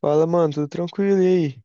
Fala, mano, tudo tranquilo e aí?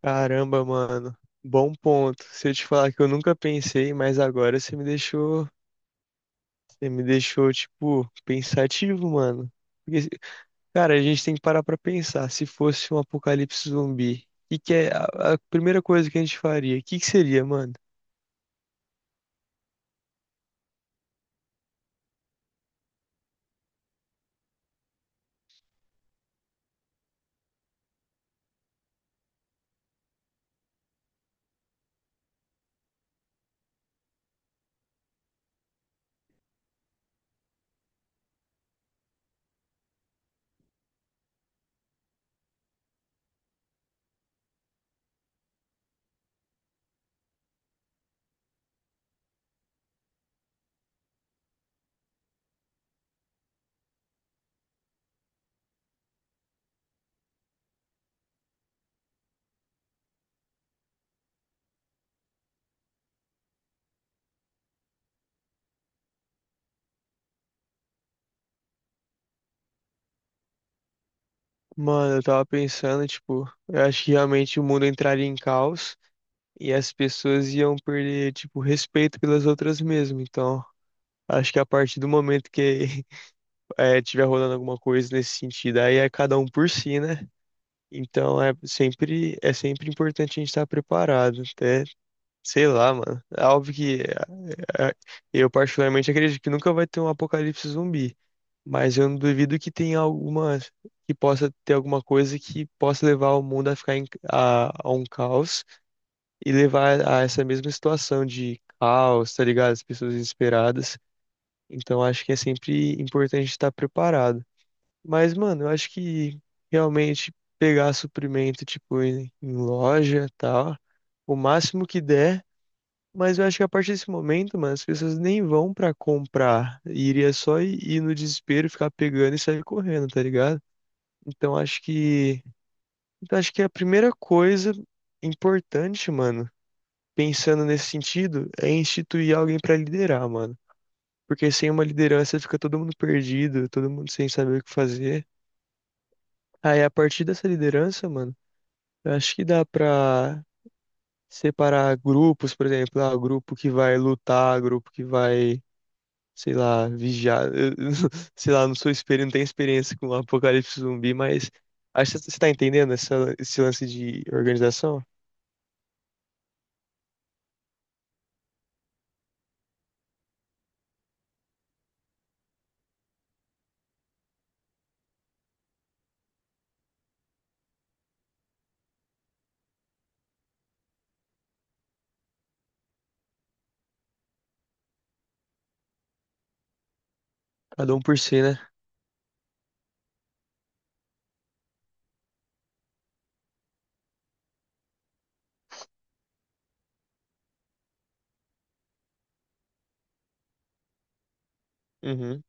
Caramba, mano, bom ponto. Se eu te falar que eu nunca pensei, mas agora você me deixou, tipo, pensativo, mano. Porque, se- Cara, a gente tem que parar pra pensar. Se fosse um apocalipse zumbi, o que que é a primeira coisa que a gente faria? O que que seria, mano? Mano, eu tava pensando, tipo, eu acho que realmente o mundo entraria em caos e as pessoas iam perder, tipo, respeito pelas outras mesmo. Então, acho que a partir do momento que tiver rolando alguma coisa nesse sentido. Aí é cada um por si, né? Então é sempre importante a gente estar preparado. Até, sei lá, mano. É óbvio que é, é, eu particularmente acredito que nunca vai ter um apocalipse zumbi. Mas eu não duvido que tenha alguma, que possa ter alguma coisa que possa levar o mundo a um caos e levar a essa mesma situação de caos, tá ligado? As pessoas desesperadas. Então acho que é sempre importante estar preparado. Mas, mano, eu acho que realmente pegar suprimento, tipo, em loja e tal, o máximo que der. Mas eu acho que a partir desse momento, mano, as pessoas nem vão pra comprar. Iria só ir no desespero, ficar pegando e sair correndo, tá ligado? Então acho que. Então acho que a primeira coisa importante, mano, pensando nesse sentido, é instituir alguém pra liderar, mano. Porque sem uma liderança fica todo mundo perdido, todo mundo sem saber o que fazer. Aí, a partir dessa liderança, mano. Eu acho que dá pra separar grupos, por exemplo, ah, o grupo que vai lutar, grupo que vai, sei lá, vigiar. Sei lá, não sou experiente, não tenho experiência com apocalipse zumbi, mas acho que você tá entendendo esse lance de organização? Cada um por si, né? Uhum.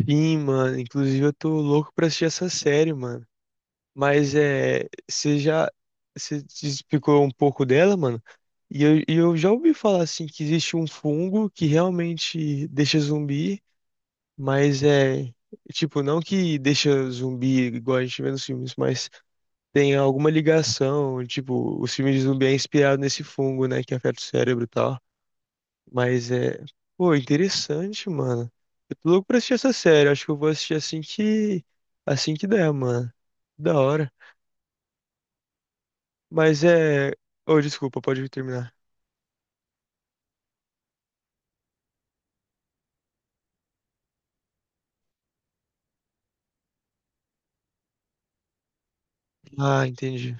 Sim, mano. Inclusive, eu tô louco pra assistir essa série, mano. Mas é. Você já. Você te explicou um pouco dela, mano? E eu já ouvi falar assim que existe um fungo que realmente deixa zumbi. Mas é, tipo, não que deixa zumbi igual a gente vê nos filmes, mas tem alguma ligação, tipo, os filmes de zumbi é inspirado nesse fungo, né, que afeta o cérebro e tal. Mas é, pô, interessante, mano. Eu tô louco pra assistir essa série, acho que eu vou assistir assim que der, mano. Da hora. Mas é, ô, desculpa, pode terminar. Ah, entendi.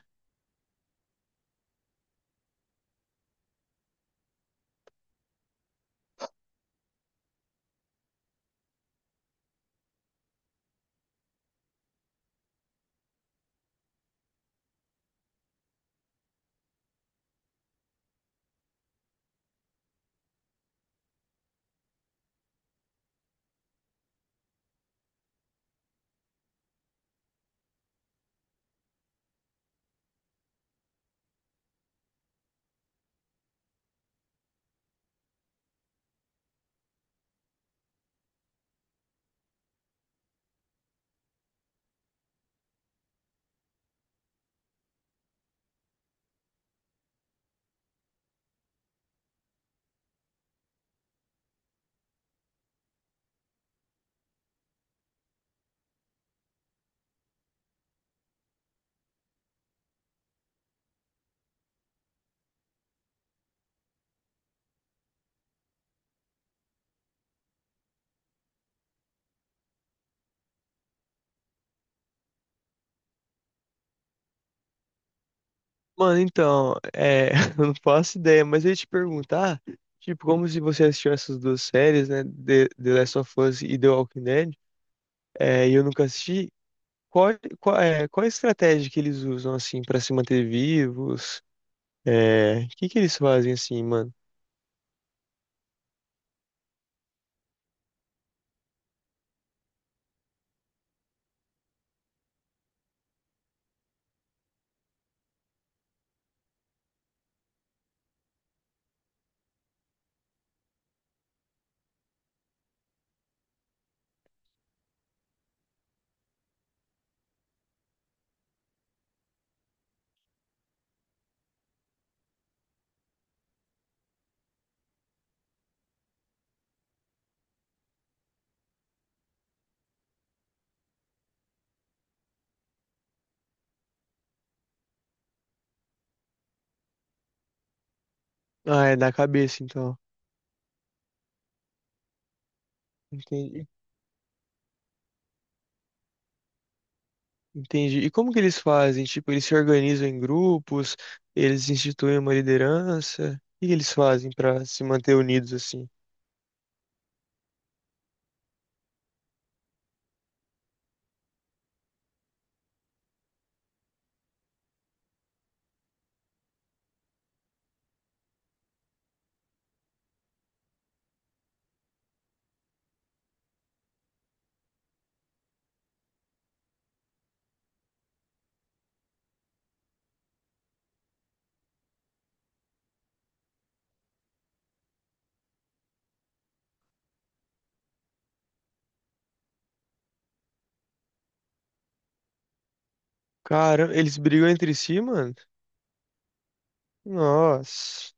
Mano, então, é, eu não faço ideia, mas eu ia te perguntar, tipo, como se você assistiu essas duas séries, né, The Last of Us e The Walking Dead, é, e eu nunca assisti, qual, qual a estratégia que eles usam, assim, pra se manter vivos? É, o que que eles fazem, assim, mano? Ah, é da cabeça, então. Entendi. Entendi. E como que eles fazem? Tipo, eles se organizam em grupos, eles instituem uma liderança, o que que eles fazem pra se manter unidos, assim? Caramba, eles brigam entre si, mano? Nossa.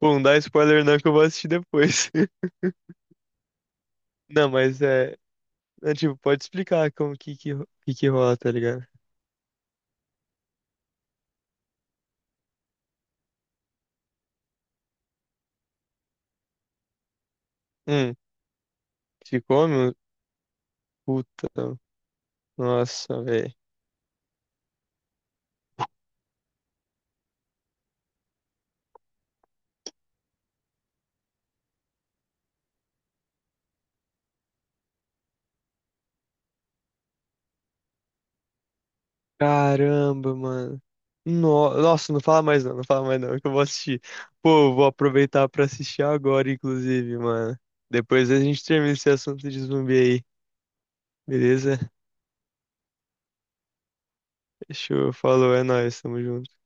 Bom, não dá spoiler não que eu vou assistir depois. Não, mas é. É, tipo, pode explicar como que rola, tá ligado? Hum, se come? Puta. Nossa, velho. Caramba, mano. Nossa, não fala mais não, não fala mais não, que eu vou assistir. Pô, eu vou aproveitar pra assistir agora, inclusive, mano. Depois a gente termina esse assunto de zumbi aí, beleza? Show, falou, é nóis, tamo junto.